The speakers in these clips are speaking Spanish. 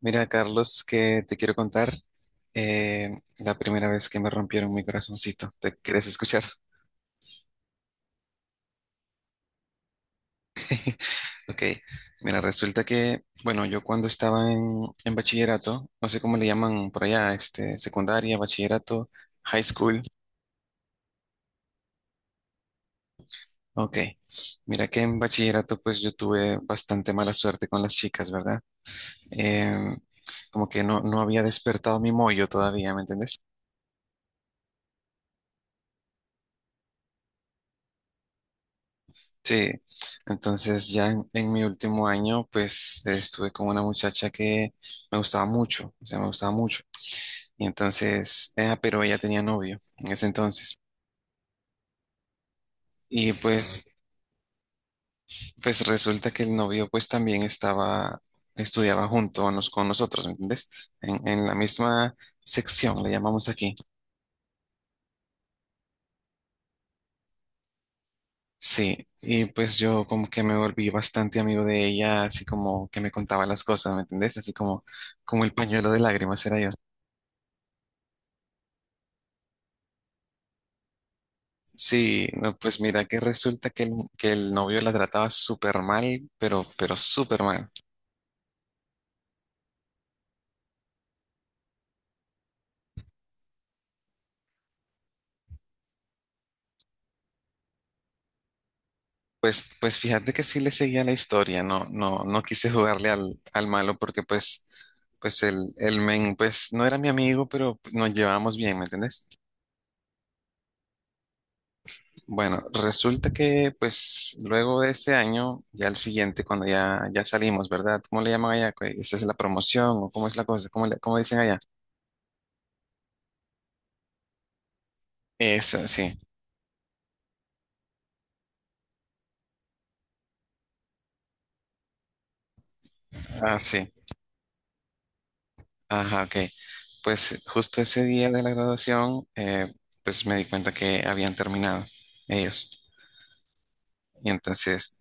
Mira, Carlos, que te quiero contar eh, la primera vez que me rompieron mi corazoncito. ¿Te quieres escuchar? Ok, mira, resulta que, bueno, yo cuando estaba en bachillerato, no sé cómo le llaman por allá, este, secundaria, bachillerato, high school. Ok, mira que en bachillerato pues yo tuve bastante mala suerte con las chicas, ¿verdad? Em, Como que no había despertado mi mollo todavía, ¿me entiendes? Sí, entonces ya en mi último año, pues estuve con una muchacha que me gustaba mucho, o sea, me gustaba mucho. Y entonces, pero ella tenía novio en ese entonces. Y pues resulta que el novio pues también estudiaba junto con nosotros, ¿me entiendes? En la misma sección, le llamamos aquí. Sí, y pues yo como que me volví bastante amigo de ella, así como que me contaba las cosas, ¿me entendés? Así como, como el pañuelo de lágrimas era yo. Sí, no, pues mira que resulta que que el novio la trataba súper mal, pero súper mal. Pues, pues fíjate que sí le seguía la historia, no quise jugarle al malo porque pues, pues el men, pues no era mi amigo, pero nos llevábamos bien, ¿me entiendes? Bueno, resulta que pues luego de ese año, ya el siguiente, cuando ya salimos, ¿verdad? ¿Cómo le llaman allá? ¿Esa es la promoción o cómo es la cosa? ¿Cómo dicen allá? Eso, sí, ah sí. Ajá, ok. Pues justo ese día de la graduación, pues me di cuenta que habían terminado ellos. Y entonces,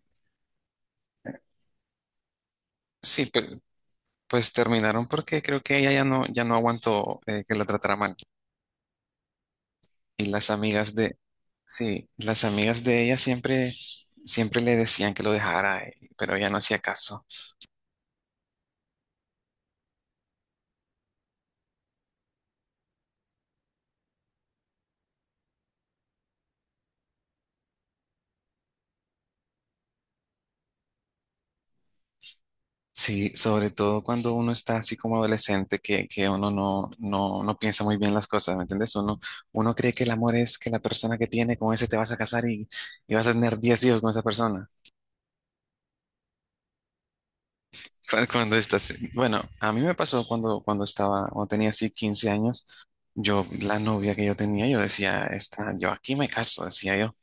sí, pues, terminaron porque creo que ella ya no aguantó que la tratara mal. Y las amigas de, sí, las amigas de ella siempre, siempre le decían que lo dejara, pero ella no hacía caso. Sí, sobre todo cuando uno está así como adolescente, que uno no piensa muy bien las cosas, ¿me entiendes? Uno cree que el amor es que la persona que tiene con ese te vas a casar y vas a tener 10 hijos con esa persona. Bueno, a mí me pasó cuando tenía así 15 años, yo, la novia que yo tenía, yo decía, esta, yo aquí me caso, decía yo.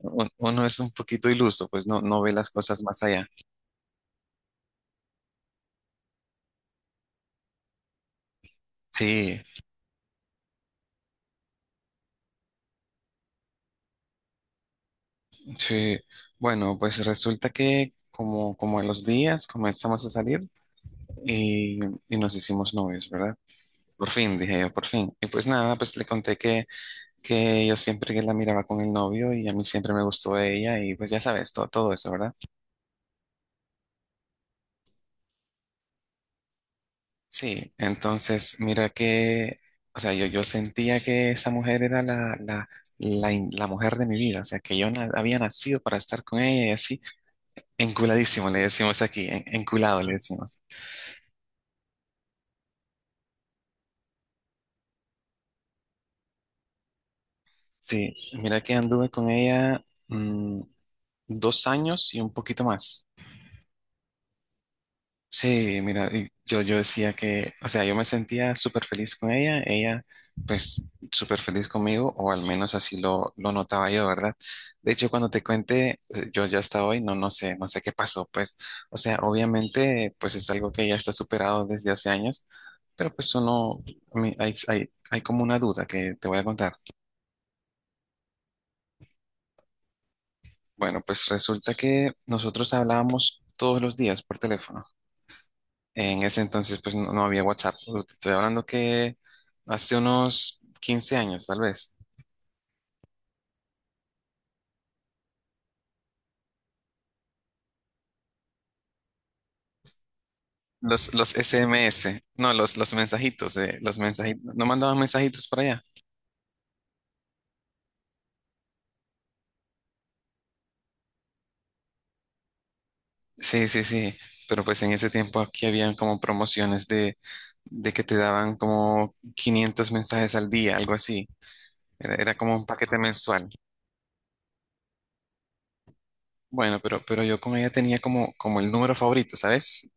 Uno es un poquito iluso, pues no ve las cosas más allá. Sí, sí, bueno, pues resulta que como, como a los días comenzamos a salir y, y nos hicimos novios, ¿verdad? Por fin, dije yo, por fin. Y pues nada, pues le conté que, yo siempre que la miraba con el novio y a mí siempre me gustó ella y pues ya sabes, todo eso, ¿verdad? Sí, entonces mira que, o sea, yo sentía que esa mujer era la mujer de mi vida, o sea, que yo había nacido para estar con ella y así, enculadísimo le decimos aquí, enculado le decimos. Sí, mira que anduve con ella 2 años y un poquito más. Sí, mira, y yo decía que, o sea, yo me sentía súper feliz con ella, ella pues súper feliz conmigo, o al menos así lo notaba yo, ¿verdad? De hecho, cuando te cuente, yo ya hasta hoy, no sé qué pasó, pues, o sea, obviamente, pues es algo que ya está superado desde hace años, pero pues uno, a mí hay como una duda que te voy a contar. Bueno, pues resulta que nosotros hablábamos todos los días por teléfono. En ese entonces, pues no había WhatsApp. Te estoy hablando que hace unos 15 años, tal vez. Los SMS, no, los mensajitos. No mandaban mensajitos para allá. Sí, sí, sí. Pero pues en ese tiempo aquí habían como promociones de, que te daban como 500 mensajes al día, algo así. Era, era como un paquete mensual. Bueno, pero yo con ella tenía como el número favorito, ¿sabes?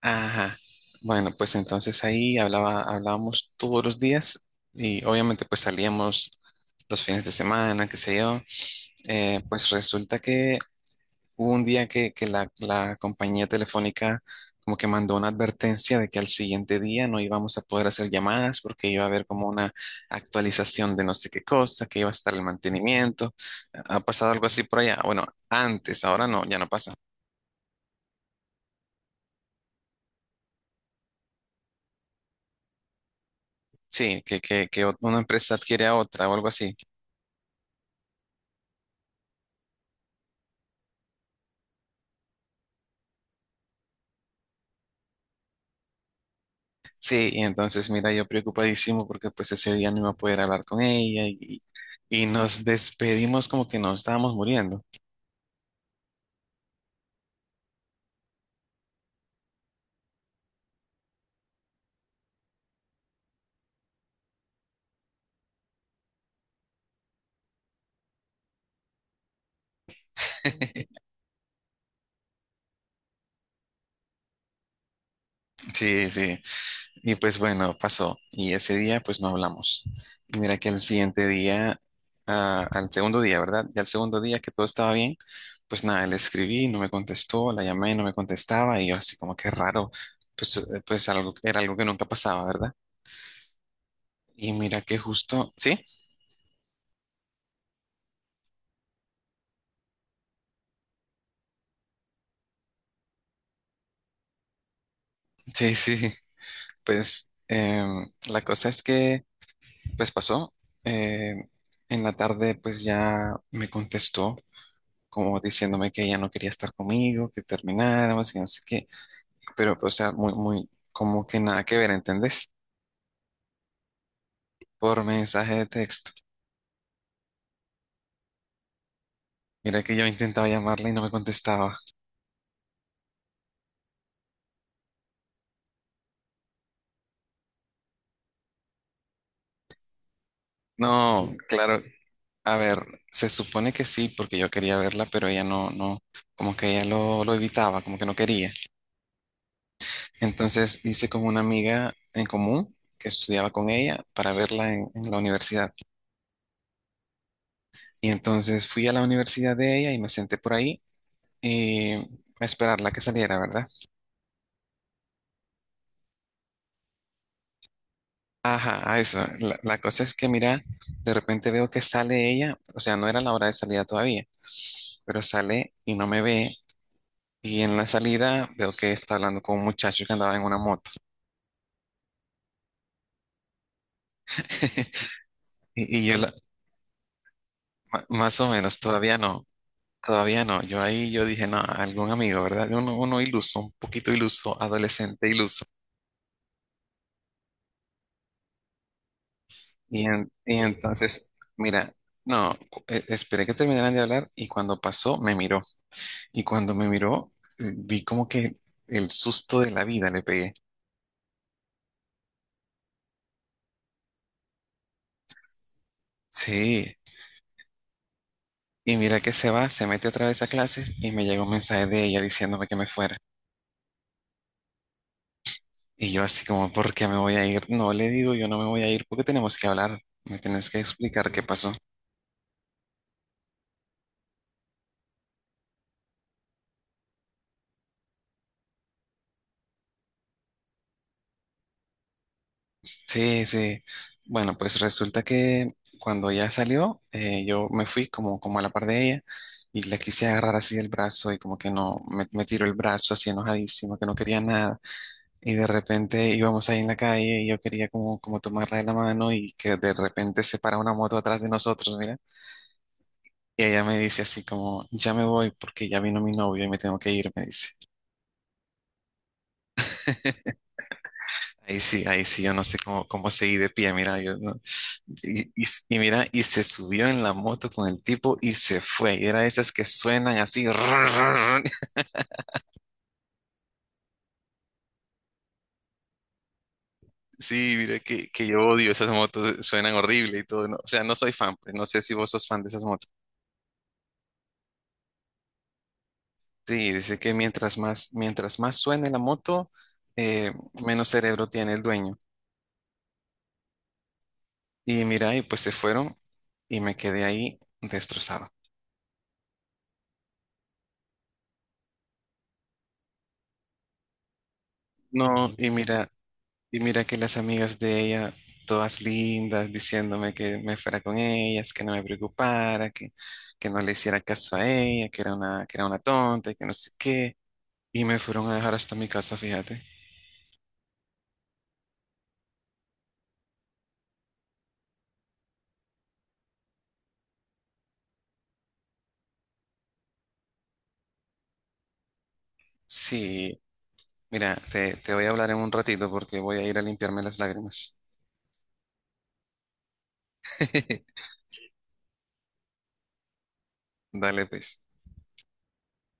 Ajá. Bueno, pues entonces ahí hablaba, hablábamos todos los días y obviamente pues salíamos los fines de semana, qué sé yo. Pues resulta que hubo un día que la compañía telefónica como que mandó una advertencia de que al siguiente día no íbamos a poder hacer llamadas porque iba a haber como una actualización de no sé qué cosa, que iba a estar el mantenimiento. ¿Ha pasado algo así por allá? Bueno, antes, ahora no, ya no pasa. Sí, que una empresa adquiere a otra o algo así. Sí, y entonces, mira, yo preocupadísimo porque pues ese día no iba a poder hablar con ella y nos despedimos como que nos estábamos muriendo. Sí, sí. Y pues bueno, pasó. Y ese día pues no hablamos. Y mira que al siguiente día, ah, al segundo día, ¿verdad? Y al segundo día que todo estaba bien, pues nada, le escribí, no me contestó, la llamé, no me contestaba y yo así como que raro, pues, pues algo, era algo que nunca pasaba, ¿verdad? Y mira que justo, sí, sí, sí. Pues la cosa es que, pues pasó. em, en la tarde, pues ya me contestó, como diciéndome que ella no quería estar conmigo, que termináramos y no sé qué. Pero, pues, o sea, muy, muy, como que nada que ver, ¿entendés? Por mensaje de texto. Mira que yo intentaba llamarla y no me contestaba. No, claro. A ver, se supone que sí, porque yo quería verla, pero ella no, como que ella lo evitaba, como que no quería. Entonces hice como una amiga en común que estudiaba con ella para verla en la universidad. Y entonces fui a la universidad de ella y me senté por ahí y a esperarla que saliera, ¿verdad? Ajá, a eso. La cosa es que, mira, de repente veo que sale ella, o sea, no era la hora de salida todavía, pero sale y no me ve. Y en la salida veo que está hablando con un muchacho que andaba en una moto. Y, y yo, la- Más o menos, todavía no. Todavía no, yo ahí yo dije, no, algún amigo, ¿verdad? Uno, uno iluso, un poquito iluso, adolescente iluso. Y entonces, mira, no, esperé que terminaran de hablar y cuando pasó me miró. Y cuando me miró, vi como que el susto de la vida le pegué. Sí, y mira que se va, se mete otra vez a clases y me llega un mensaje de ella diciéndome que me fuera. Y yo así como, ¿por qué me voy a ir? No le digo, yo no me voy a ir porque tenemos que hablar. Me tienes que explicar qué pasó. Sí, sí. Bueno, pues resulta que cuando ya salió, yo me fui como, como a la par de ella y la quise agarrar así del brazo y como que no, me tiró el brazo así enojadísimo, que no quería nada. Y de repente íbamos ahí en la calle y yo quería como, como tomarla de la mano y que de repente se para una moto atrás de nosotros, mira. Y ella me dice así como, ya me voy porque ya vino mi novio y me tengo que ir, me dice. Ahí sí, yo no sé cómo, cómo seguí de pie, mira, yo no. Y mira, y se subió en la moto con el tipo y se fue. Y era esas que suenan así. Sí, mira, que yo odio esas motos, suenan horrible y todo. ¿No? O sea, no soy fan, pues, no sé si vos sos fan de esas motos. Sí, dice que mientras más suene la moto, eh, menos cerebro tiene el dueño. Y mira, y pues se fueron y me quedé ahí destrozado. No, y mira. Y mira que las amigas de ella, todas lindas, diciéndome que me fuera con ellas, que no me preocupara, que no le hiciera caso a ella, que era una tonta y que no sé qué. Y me fueron a dejar hasta mi casa, fíjate. Sí, mira, te voy a hablar en un ratito porque voy a ir a limpiarme las lágrimas. Dale, pues.